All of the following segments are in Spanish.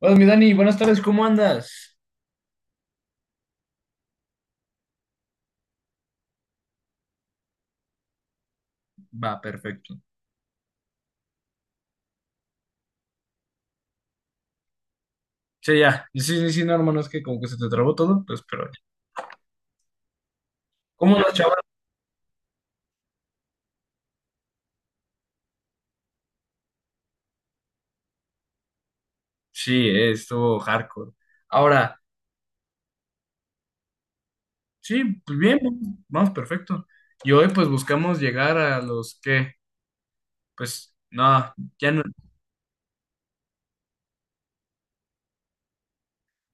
Hola, mi Dani, buenas tardes, ¿cómo andas? Va, perfecto. Sí, ya. Sí, sí, sí, no, hermano, es que como que se te trabó todo, pues, pero ya. ¿Cómo andas, chaval? Sí, estuvo hardcore. Ahora, sí, pues bien, vamos, perfecto. Y hoy, pues, buscamos llegar a los que, pues, no, ya no,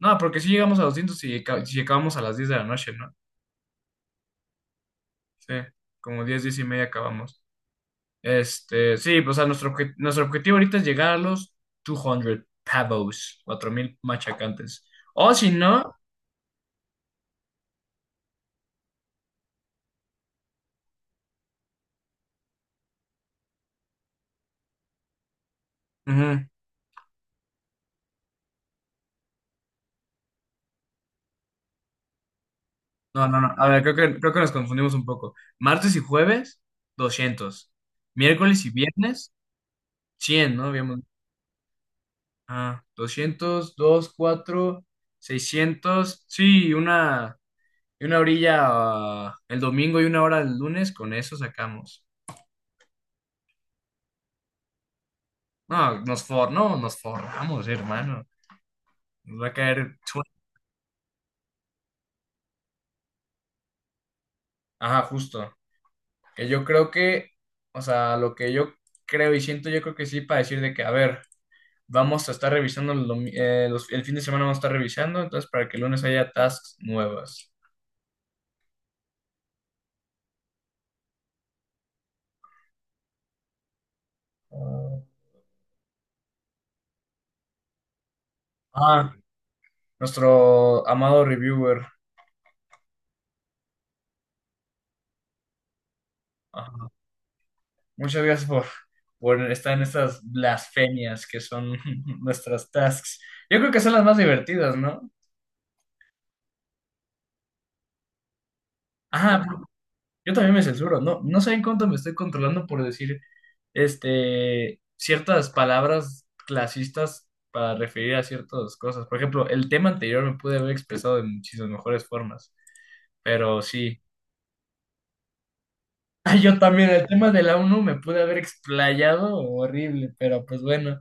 no, porque si llegamos a doscientos 200 y si acabamos a las 10 de la noche, ¿no? Sí, como 10 10 y media acabamos. Este, sí, pues, o sea, nuestro objetivo ahorita es llegar a los 200 pavos, 4,000 machacantes. O si no, ujú. No, no, no. A ver, creo que nos confundimos un poco. Martes y jueves, 200. Miércoles y viernes, 100, ¿no? Ah, 200 2 4 seiscientos. Sí, una, y una orilla, ah, el domingo y una hora el lunes, con eso sacamos. No, no, nos forramos, hermano. Nos va a caer. Ajá, justo. Que yo creo que, o sea, lo que yo creo y siento, yo creo que sí, para decir de que, a ver, vamos a estar revisando el fin de semana, vamos a estar revisando, entonces para que el lunes haya tasks nuevas. Ah, nuestro amado reviewer. Ajá. Muchas gracias por estar en estas blasfemias que son nuestras tasks. Yo creo que son las más divertidas, ¿no? Ajá, yo también me censuro. No, no saben cuánto me estoy controlando por decir este, ciertas palabras clasistas para referir a ciertas cosas. Por ejemplo, el tema anterior me pude haber expresado de muchísimas mejores formas, pero sí. Ah, yo también, el tema de la ONU me pude haber explayado horrible, pero pues bueno.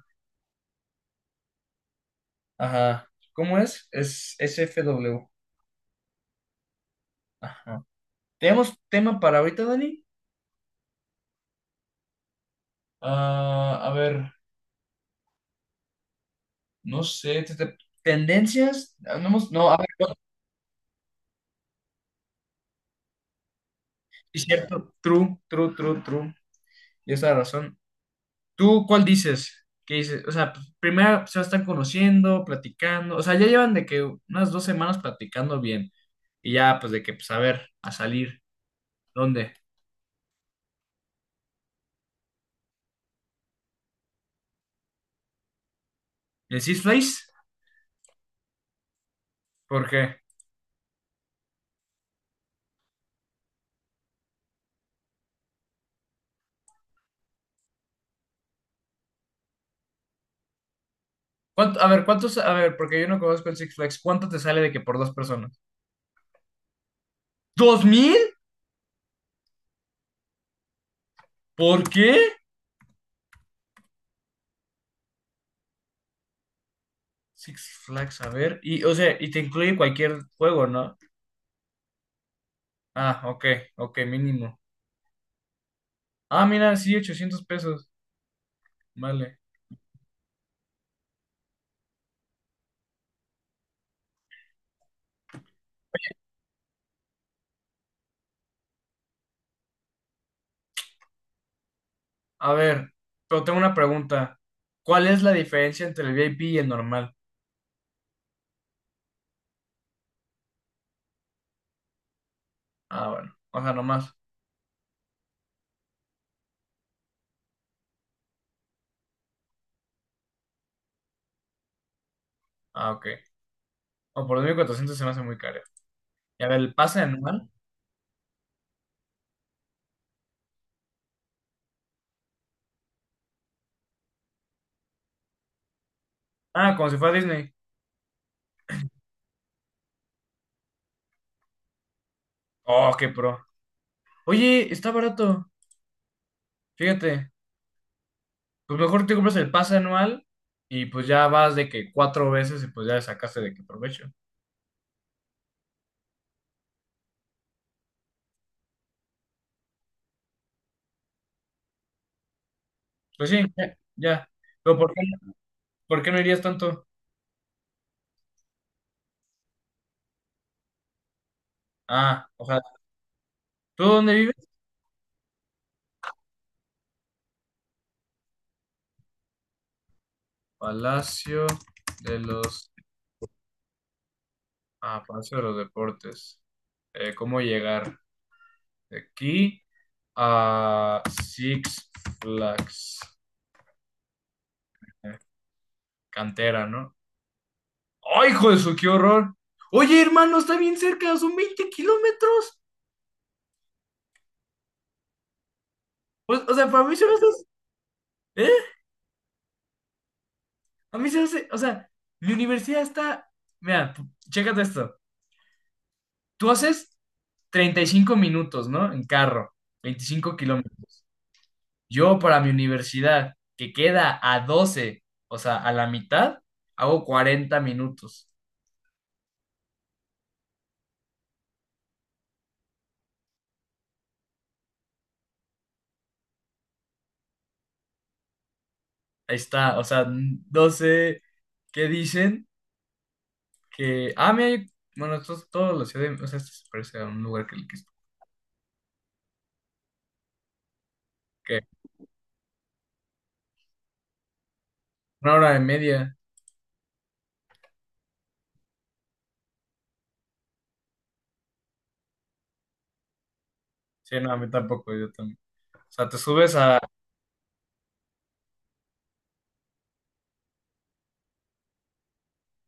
Ajá. ¿Cómo es? Es SFW. Ajá. ¿Tenemos tema para ahorita, Dani? Ah, a ver, no sé. ¿Tendencias? No, no, a ver, es cierto. True, true, true, true. Y esa razón. ¿Tú cuál dices? ¿Qué dices? O sea, pues, primero se están conociendo, platicando, o sea, ya llevan de que unas 2 semanas platicando bien y ya pues de que pues a ver, a salir, ¿dónde? ¿En el Six Flags? ¿Por qué? A ver, ¿cuántos? A ver, porque yo no conozco el Six Flags, ¿cuánto te sale de que por dos personas? ¿2,000? ¿Por qué? Six Flags, a ver, y te incluye cualquier juego, ¿no? Ah, ok, ok, mínimo. Ah, mira, sí, 800 pesos, vale. A ver, pero tengo una pregunta. ¿Cuál es la diferencia entre el VIP y el normal? Ah, bueno. O sea, nomás. Ah, ok. O por 2,400 se me hace muy caro. Y a ver, ¿el pase anual? Ah, como si fuera Disney. Oh, qué pro. Oye, está barato. Fíjate. Pues mejor te compras el pase anual y pues ya vas de que cuatro veces y pues ya le sacaste de que provecho. Pues sí, ya, ya. Pero ¿por qué no irías tanto? Ah, o sea, ¿tú dónde vives? Palacio de los Ah, paso de los deportes. ¿Cómo llegar de aquí a Six Flags? Eh, Cantera, ¿no? ¡Ay, hijo de su, qué horror! Oye, hermano, está bien cerca, son 20 kilómetros. O sea, para mí se me hace. ¿Eh? A mí se me hace. O sea, mi universidad está. Mira, chécate esto. Tú haces 35 minutos, ¿no? En carro, 25 kilómetros. Yo para mi universidad, que queda a 12, o sea, a la mitad, hago 40 minutos. Ahí está, o sea, 12, ¿qué dicen? Que, ah, mira, bueno, esto es todo la ciudad, o sea, esto se parece a un lugar que una hora y media. Sí, no, a mí tampoco, yo también. O sea, te subes a,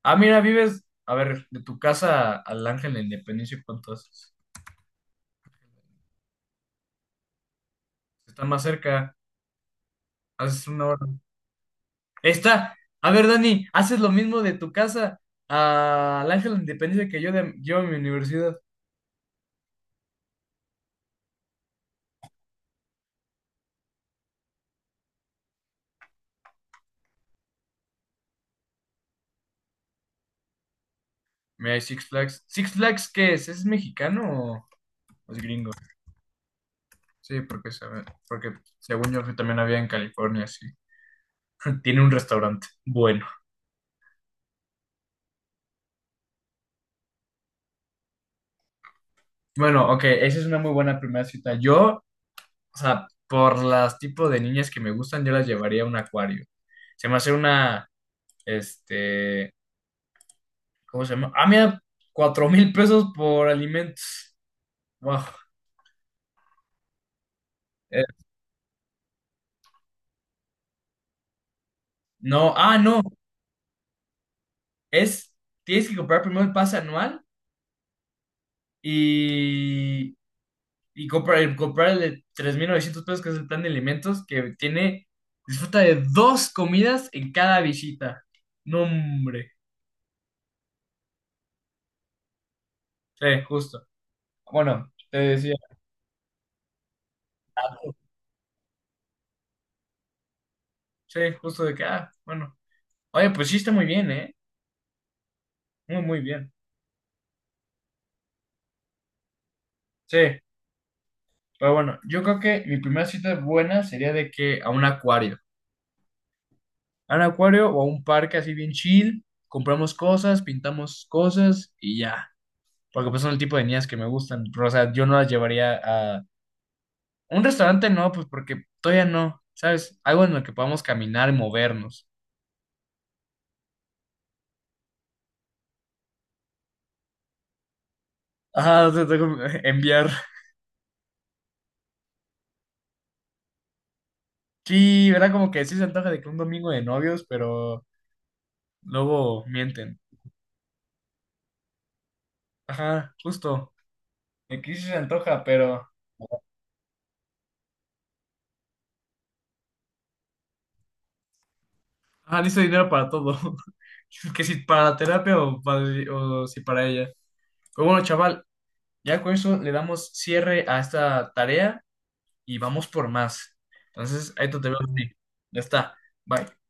ah, mira, vives, a ver, de tu casa al Ángel de la Independencia, ¿cuánto haces? Está más cerca, haces una hora. Está. A ver, Dani, haces lo mismo de tu casa al Ángel de la Independencia que yo a mi universidad. Mira, hay Six Flags. ¿Six Flags qué es? ¿Es mexicano o es gringo? Sí, porque según yo también había en California, sí. Tiene un restaurante. Bueno. Bueno, ok, esa es una muy buena primera cita. Yo, o sea, por las tipos de niñas que me gustan, yo las llevaría a un acuario. Se me hace una, este, ¿cómo se llama? Ah, mira, 4,000 pesos por alimentos. Wow. Eh, no, ah, no, es, tienes que comprar primero el pase anual y, y comprar el de 3,900 pesos, que es el plan de alimentos, que tiene, disfruta de dos comidas en cada visita. No, hombre, sí, justo. Bueno, te decía, sí, justo de que, ah, bueno. Oye, pues sí está muy bien, ¿eh? Muy, muy bien. Sí, pero bueno, yo creo que mi primera cita buena sería de que a un acuario. A un acuario o a un parque así bien chill, compramos cosas, pintamos cosas y ya. Porque pues son el tipo de niñas que me gustan, pero o sea, yo no las llevaría a un restaurante, no, pues porque todavía no, ¿sabes? Algo en lo que podamos caminar y movernos. Ah, te tengo que enviar. Sí, era como que sí se antoja de que un domingo de novios, pero luego mienten. Ajá, justo. Aquí sí se antoja, pero. Ah, listo dinero para todo. Que si para la terapia o si para ella. Pues bueno, chaval, ya con eso le damos cierre a esta tarea y vamos por más. Entonces, ahí te veo a Ya está. Bye.